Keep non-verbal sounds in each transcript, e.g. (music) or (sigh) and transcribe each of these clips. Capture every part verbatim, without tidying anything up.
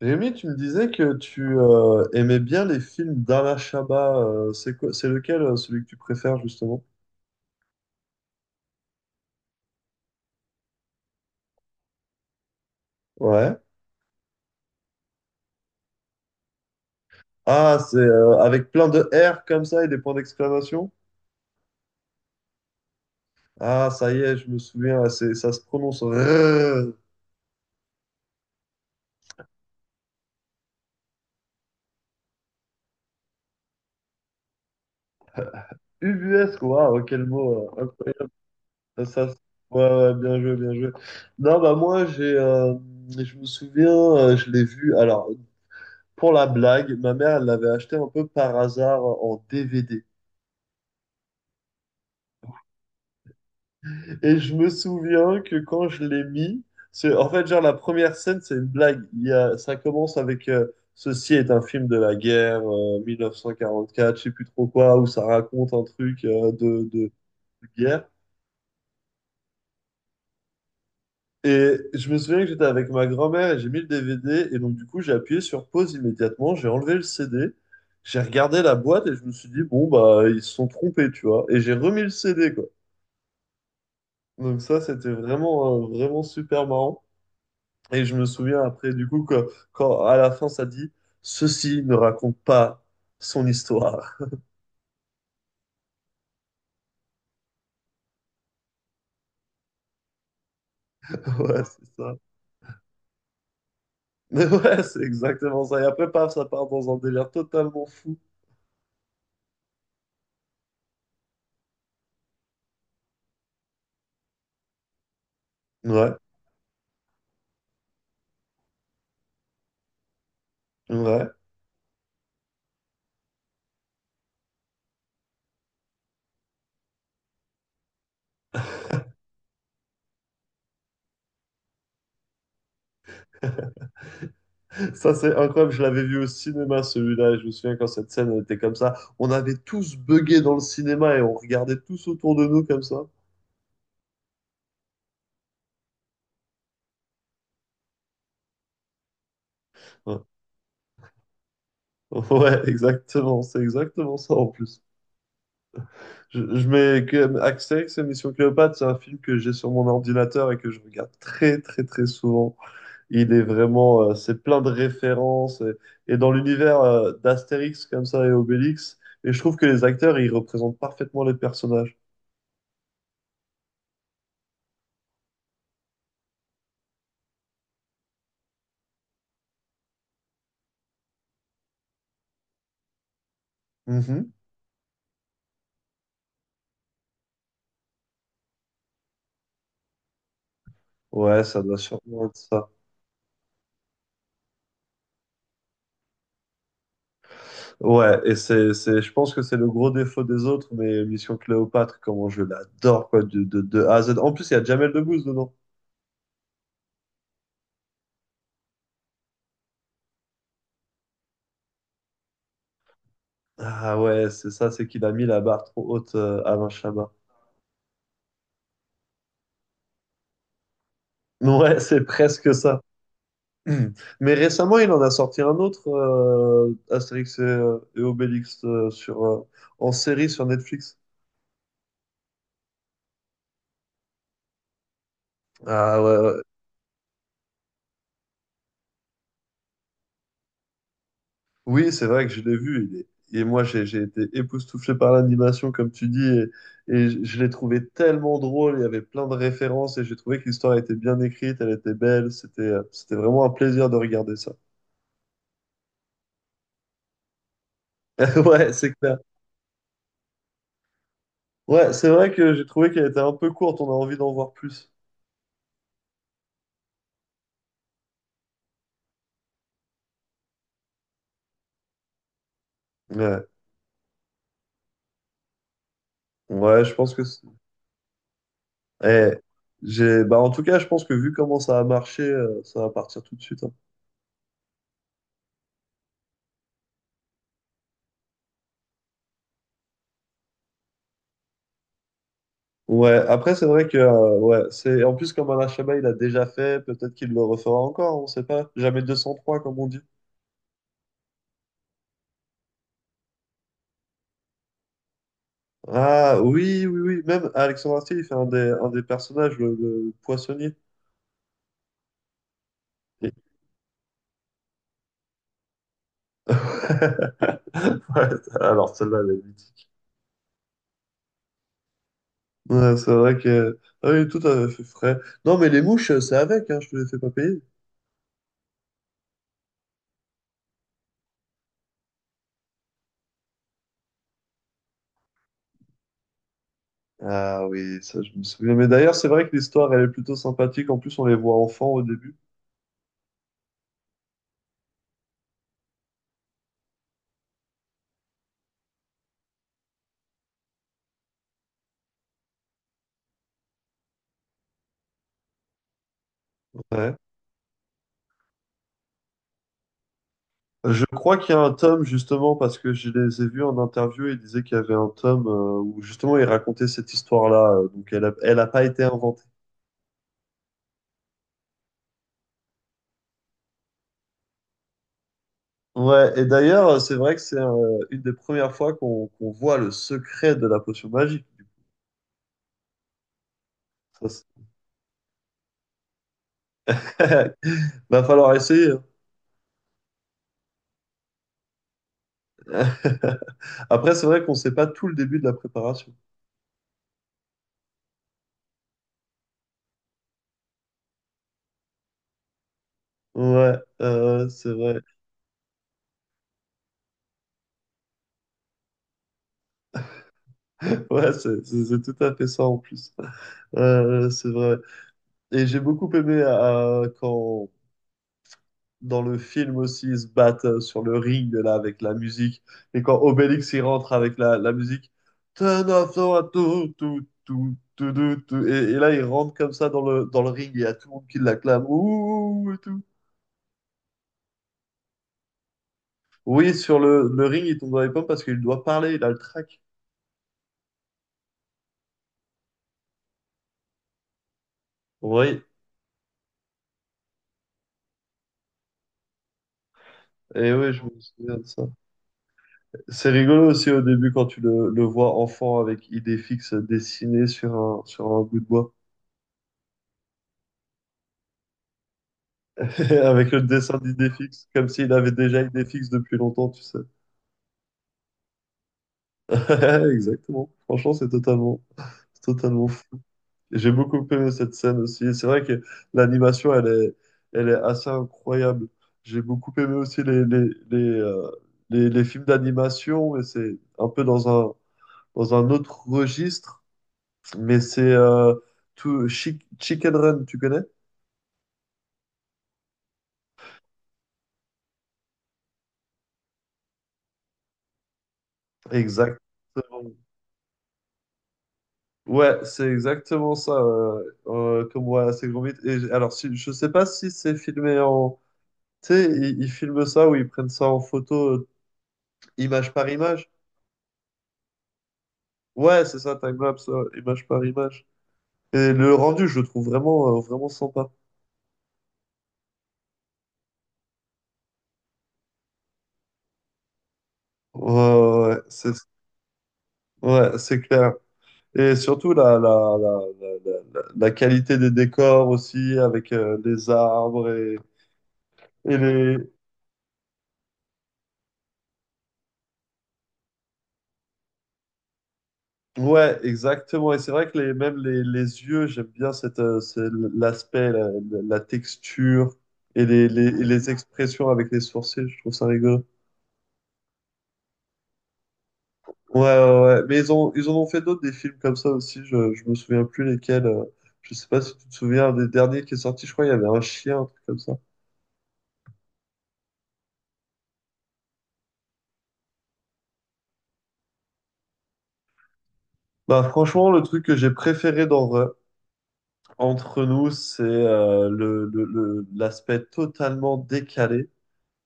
Rémi, tu me disais que tu euh, aimais bien les films d'Alain Chabat. Euh, c'est quoi, c'est lequel, euh, celui que tu préfères, justement? Ouais. Ah, c'est euh, avec plein de R comme ça et des points d'exclamation? Ah, ça y est, je me souviens, ah, c'est, ça se prononce erre erre erre. Ubuesque. Waouh, quel mot. euh, hop, ça, se- ouais, ouais, bien joué, bien joué. Non, bah moi, j'ai, euh, je me souviens, euh, je l'ai vu. Alors, pour la blague, ma mère, elle l'avait acheté un peu par hasard en D V D. Et je me souviens que quand je l'ai mis, c'est- en fait, genre, la première scène, c'est une blague. Il y a, ça commence avec euh, ceci est un film de la guerre, euh, mille neuf cent quarante-quatre, je sais plus trop quoi, où ça raconte un truc euh, de, de- de guerre. Et je me souviens que j'étais avec ma grand-mère et j'ai mis le D V D. Et donc, du coup, j'ai appuyé sur pause immédiatement, j'ai enlevé le C D, j'ai regardé la boîte et je me suis dit, bon, bah, ils se sont trompés, tu vois. Et j'ai remis le C D, quoi. Donc, ça, c'était vraiment, euh, vraiment super marrant. Et je me souviens après, du coup, que, quand à la fin, ça dit, ceci ne raconte pas son histoire. (laughs) Ouais, c'est ça. Mais ouais, c'est exactement ça. Et après, paf, ça part dans un délire totalement fou. Ouais, ouais. Ça, c'est incroyable. Je l'avais vu au cinéma, celui-là. Et je me souviens quand cette scène elle était comme ça. On avait tous buggé dans le cinéma et on regardait tous autour de nous comme ça. Ouais, (laughs) ouais, exactement. C'est exactement ça en plus. Je, je mets que Astérix et Mission Cléopâtre, c'est un film que j'ai sur mon ordinateur et que je regarde très très très souvent. Il est vraiment, euh, c'est plein de références et, et dans l'univers euh, d'Astérix comme ça et Obélix. Et je trouve que les acteurs, ils représentent parfaitement les personnages. Mhm. Ouais, ça doit sûrement être ça. Ouais, et c'est, c'est, je pense que c'est le gros défaut des autres, mais Mission Cléopâtre, comment je l'adore, quoi, de, de, de A à Z. En plus, il y a Jamel Debbouze dedans. Ah ouais, c'est ça, c'est qu'il a mis la barre trop haute, euh, Alain Chabat. (laughs) Ouais, c'est presque ça. (clears throat) Mais récemment, il en a sorti un autre, euh, Astérix et, euh, et Obélix, euh, sur, euh, en série sur Netflix. Ah ouais, ouais. Oui, c'est vrai que je l'ai vu. il est- Et moi, j'ai j'ai été époustouflé par l'animation, comme tu dis. Et, et je je l'ai trouvé tellement drôle. Il y avait plein de références. Et j'ai trouvé que l'histoire était bien écrite. Elle était belle. C'était euh, c'était vraiment un plaisir de regarder ça. (laughs) Ouais, c'est clair. Ouais, c'est vrai que j'ai trouvé qu'elle était un peu courte. On a envie d'en voir plus. Ouais, ouais, je pense que. C'est- Eh, j'ai, bah en tout cas, je pense que vu comment ça a marché, euh, ça va partir tout de suite, hein. Ouais, après, c'est vrai que, euh, ouais, c'est, en plus, comme Alain Chabat, il a déjà fait, peut-être qu'il le refera encore, on sait pas. Jamais deux cent trois comme on dit. Ah, oui, oui, oui. Même Alexandre Astier, il fait un des, un des personnages, le, le poissonnier. Et- (laughs) Ouais, alors celle-là, elle est mythique. Ouais, c'est vrai que, ah oui, tout à fait frais. Non, mais les mouches, c'est avec, hein, je te les fais pas payer. Ah oui, ça je me souviens. Mais d'ailleurs, c'est vrai que l'histoire, elle est plutôt sympathique. En plus, on les voit enfants au début. Ouais. Je crois qu'il y a un tome, justement, parce que je les ai vus en interview et ils disaient qu'il y avait un tome euh, où, justement, ils racontaient cette histoire-là. euh, Donc, elle a, elle a pas été inventée. Ouais, et d'ailleurs, euh, c'est vrai que c'est euh, une des premières fois qu'on qu'on voit le secret de la potion magique. Ça, c'est- (laughs) Va falloir essayer, hein. (laughs) Après, c'est vrai qu'on sait pas tout le début de la préparation. Ouais, euh, c'est vrai. Ouais, c'est c'est- c'est tout à fait ça en plus. Euh, c'est vrai. Et j'ai beaucoup aimé euh, quand dans le film aussi ils se battent euh, sur le ring là avec la musique et quand Obélix il rentre avec la, la musique. Tenazo, tout, tout, tout, tout, tout, tout. Et, et là il rentre comme ça dans le, dans le ring et il y a tout le monde qui l'acclame. Ouh, et tout. Oui, sur le, le ring il tombe dans les pommes parce qu'il doit parler, il a le trac. Oui, et oui, je me souviens de ça. C'est rigolo aussi au début quand tu le, le vois enfant avec Idéfix dessiné sur un, sur un bout de bois, (laughs) avec le dessin d'Idéfix, comme s'il avait déjà Idéfix depuis longtemps, tu sais. (laughs) Exactement. Franchement, c'est totalement, c'est totalement fou. Et j'ai beaucoup aimé cette scène aussi. Et c'est vrai que l'animation, elle est, elle est assez incroyable. J'ai beaucoup aimé aussi les, les, les, euh, les, les films d'animation, mais c'est un peu dans un, dans un autre registre. Mais c'est euh, tout Chi- Chicken Run, tu connais? Exactement. Ouais, c'est exactement ça. Euh, euh, comme voilà, c'est gros mythe. Et j- alors, si, je sais pas si c'est filmé en. Tu sais, ils, ils filment ça ou ils prennent ça en photo, euh, image par image. Ouais, c'est ça, timelapse, euh, image par image. Et le rendu, je le trouve vraiment, euh, vraiment sympa. Ouais, ouais, ouais, c'est ouais, c'est clair. Et surtout la, la, la, la, la, la- la qualité des décors aussi, avec euh, les arbres et, Et les... Ouais, exactement. Et c'est vrai que les, même les, les yeux, j'aime bien cette, euh, c'est l'aspect, la, la texture et les, les, et les expressions avec les sourcils, je trouve ça rigolo. Ouais, ouais, ouais. Mais ils ont, ils en ont fait d'autres, des films comme ça aussi, je, je me souviens plus lesquels. Euh, je sais pas si tu te souviens des derniers qui est sorti, je crois il y avait un chien, un truc comme ça. Bah franchement, le truc que j'ai préféré dans Re- entre nous, c'est euh, le, le, le- l'aspect totalement décalé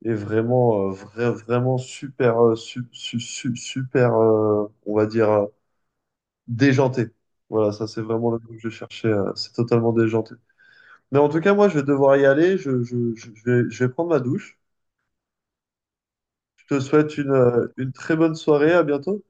est vraiment, euh, vra- vraiment super, euh, su- su- su- super, euh, on va dire, euh, déjanté. Voilà, ça c'est vraiment le mot que je cherchais. Euh, c'est totalement déjanté. Mais en tout cas, moi, je vais devoir y aller. Je, je, je- je vais, je vais prendre ma douche. Je te souhaite une, euh, une très bonne soirée. À bientôt.